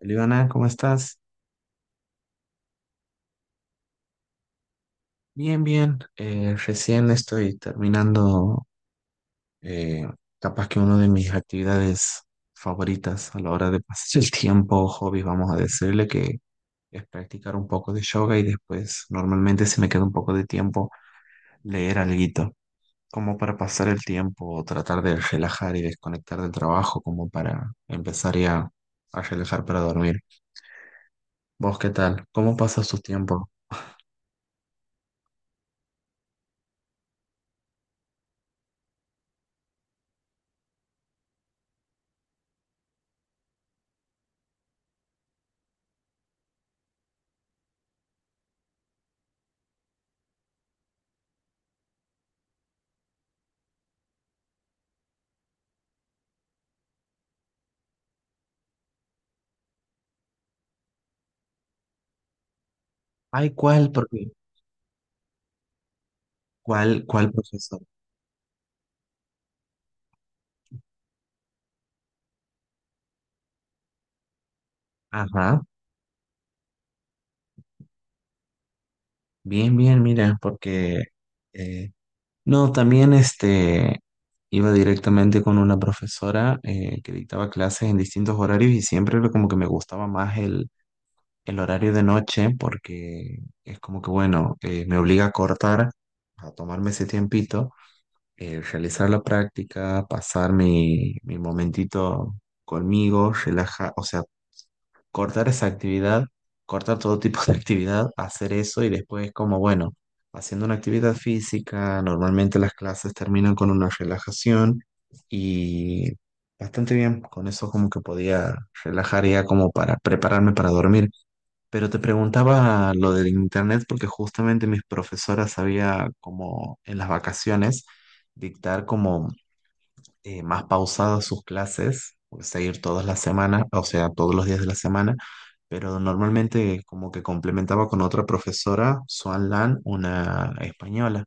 Eliana, ¿cómo estás? Bien, bien. Recién estoy terminando eh, capaz que una de mis actividades favoritas a la hora de pasar el tiempo, hobby, vamos a decirle que es practicar un poco de yoga y después normalmente si me queda un poco de tiempo leer alguito, como para pasar el tiempo o tratar de relajar y desconectar del trabajo, como para empezar ya a relajar para dormir. ¿Vos qué tal? ¿Cómo pasas tu tiempo? Ay, ¿cuál? Porque, ¿cuál, profesor? Ajá, bien, bien, mira, porque eh, no, también este iba directamente con una profesora que dictaba clases en distintos horarios y siempre era como que me gustaba más el horario de noche porque es como que bueno, me obliga a cortar, a tomarme ese tiempito, realizar la práctica, pasar mi momentito conmigo, relajar, o sea, cortar esa actividad, cortar todo tipo de actividad, hacer eso y después como, bueno, haciendo una actividad física, normalmente las clases terminan con una relajación y bastante bien, con eso como que podía relajar ya como para prepararme para dormir. Pero te preguntaba lo del internet porque justamente mis profesoras sabía como en las vacaciones dictar como más pausadas sus clases, o sea, ir todas las semanas, o sea, todos los días de la semana pero normalmente como que complementaba con otra profesora, Swan Lan, una española.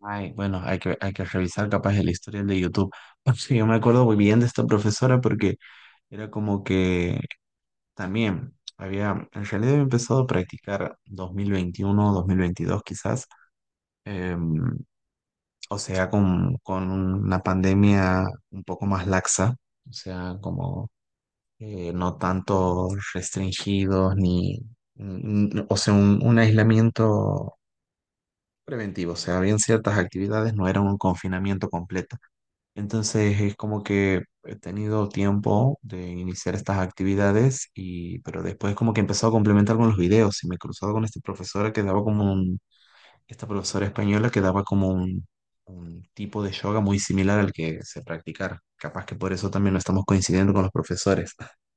Ay, bueno, hay que revisar capaz el historial de YouTube. Porque yo me acuerdo muy bien de esta profesora porque era como que también había, en realidad había empezado a practicar 2021, 2022 quizás, em, o sea, con una pandemia un poco más laxa, o sea, como no tanto restringidos ni, o sea, un aislamiento preventivo, o sea, habían ciertas actividades, no era un confinamiento completo. Entonces es como que he tenido tiempo de iniciar estas actividades y, pero después como que he empezado a complementar con los videos y me he cruzado con esta profesora que daba como esta profesora española que daba como un tipo de yoga muy similar al que se practicara. Capaz que por eso también no estamos coincidiendo con los profesores.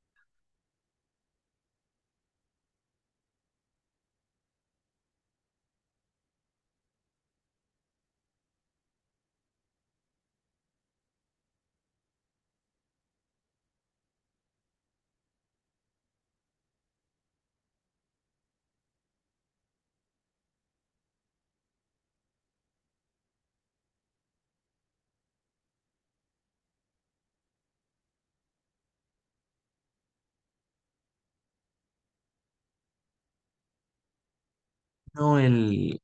No, el,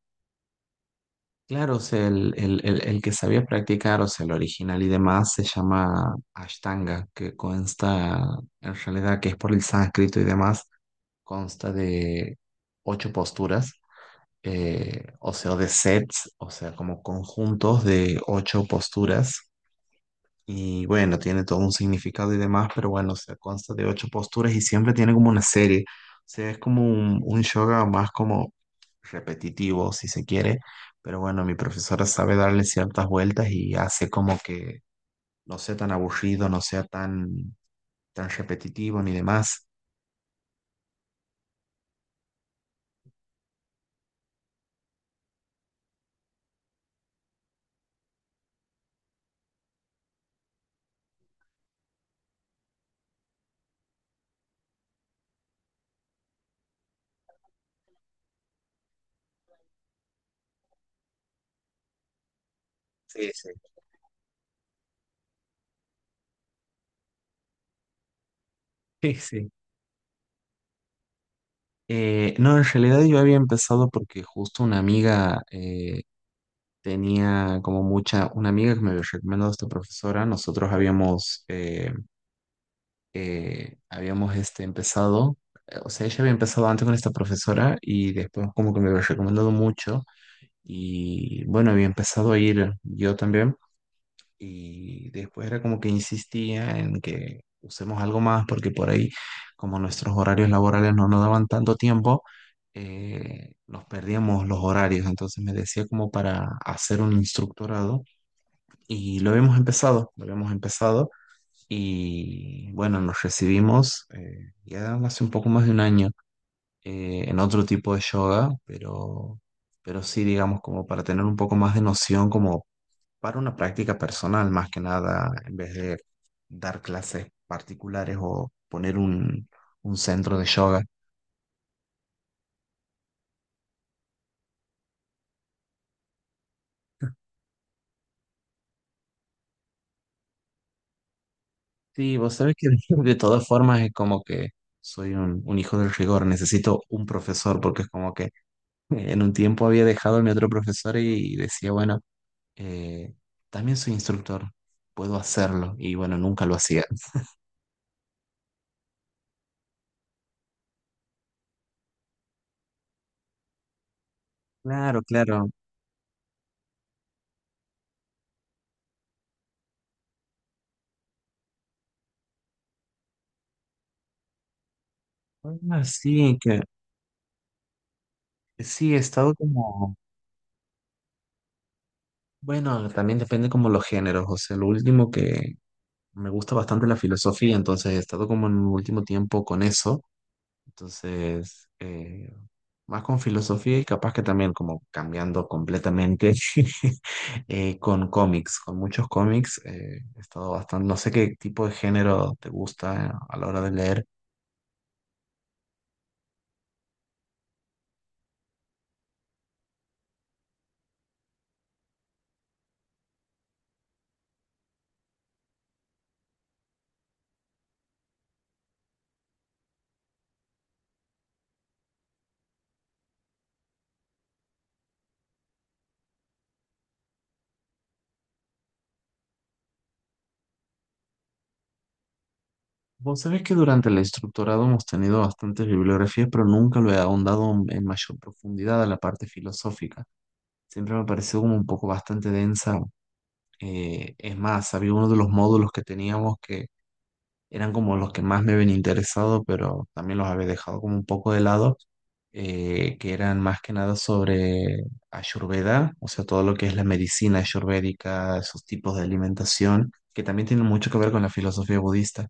Claro, o sea, el que sabía practicar, o sea, el original y demás, se llama Ashtanga, que consta, en realidad, que es por el sánscrito y demás, consta de ocho posturas, o sea, de sets, o sea, como conjuntos de ocho posturas y bueno, tiene todo un significado y demás, pero bueno, o sea, consta de ocho posturas y siempre tiene como una serie. O sea, es como un yoga más como repetitivo, si se quiere. Pero bueno, mi profesora sabe darle ciertas vueltas y hace como que no sea tan aburrido, no sea tan, tan repetitivo ni demás. Sí, sí. Sí, sí. No, en realidad yo había empezado porque justo una amiga tenía como mucha, una amiga que me había recomendado esta profesora, nosotros habíamos este, empezado, o sea, ella había empezado antes con esta profesora y después como que me había recomendado mucho y bueno, había empezado a ir yo también y después era como que insistía en que usemos algo más porque por ahí como nuestros horarios laborales no nos daban tanto tiempo, nos perdíamos los horarios, entonces me decía como para hacer un instructorado y lo habíamos empezado, lo habíamos empezado. Y bueno, nos recibimos ya hace un poco más de un año en otro tipo de yoga, pero sí, digamos, como para tener un poco más de noción, como para una práctica personal, más que nada, en vez de dar clases particulares o poner un centro de yoga. Sí, vos sabés que de todas formas es como que soy un hijo del rigor, necesito un profesor, porque es como que en un tiempo había dejado a mi otro profesor y decía, bueno eh, también soy instructor, puedo hacerlo y bueno, nunca lo hacía. Claro, claro. Ah, sí, he estado como, bueno, también depende como los géneros, o sea, lo último que me gusta bastante la filosofía, entonces he estado como en el último tiempo con eso, entonces más con filosofía y capaz que también como cambiando completamente con cómics, con muchos cómics, he estado bastante, no sé qué tipo de género te gusta a la hora de leer. Vos sabés que durante el instructorado hemos tenido bastantes bibliografías, pero nunca lo he ahondado en mayor profundidad a la parte filosófica. Siempre me pareció como un poco bastante densa. Es más, había uno de los módulos que teníamos que eran como los que más me habían interesado, pero también los había dejado como un poco de lado, que eran más que nada sobre Ayurveda, o sea, todo lo que es la medicina ayurvédica, esos tipos de alimentación, que también tienen mucho que ver con la filosofía budista.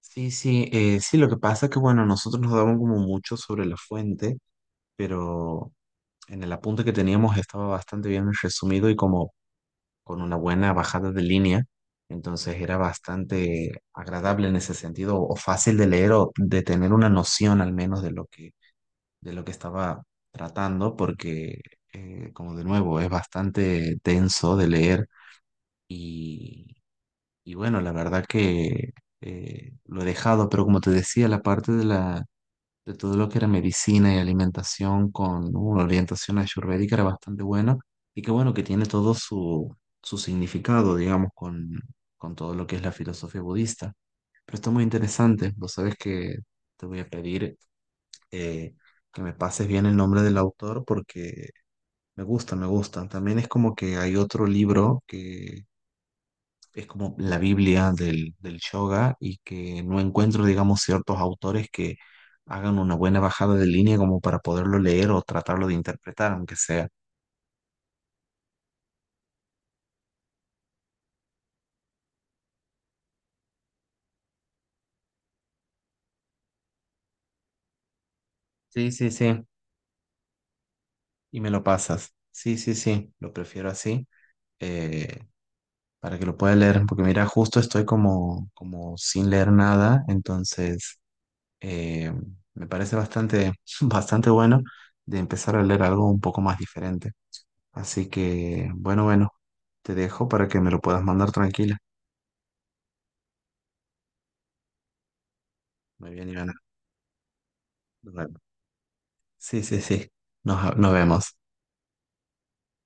Sí, sí, sí, lo que pasa es que, bueno, nosotros nos daban como mucho sobre la fuente, pero en el apunte que teníamos estaba bastante bien resumido y como con una buena bajada de línea, entonces era bastante agradable en ese sentido, o fácil de leer o de tener una noción al menos de de lo que estaba tratando, porque, como de nuevo, es bastante denso de leer y bueno, la verdad que lo he dejado, pero como te decía, la parte de todo lo que era medicina y alimentación con una orientación ayurvédica era bastante buena y que bueno, que tiene todo su, su significado, digamos, con todo lo que es la filosofía budista. Pero está muy interesante, vos sabes que te voy a pedir eh, que me pases bien el nombre del autor porque me gusta, me gusta. También es como que hay otro libro que es como la Biblia del yoga y que no encuentro, digamos, ciertos autores que hagan una buena bajada de línea como para poderlo leer o tratarlo de interpretar, aunque sea. Sí, sí, sí, y me lo pasas. Sí, sí, sí, lo prefiero así, eh, para que lo pueda leer, porque mira, justo estoy como, como sin leer nada, entonces eh, me parece bastante, bastante bueno de empezar a leer algo un poco más diferente. Así que, bueno, bueno, te dejo para que me lo puedas mandar tranquila. Muy bien, Ivana. Nos vemos. Sí, sí, sí. Nos vemos.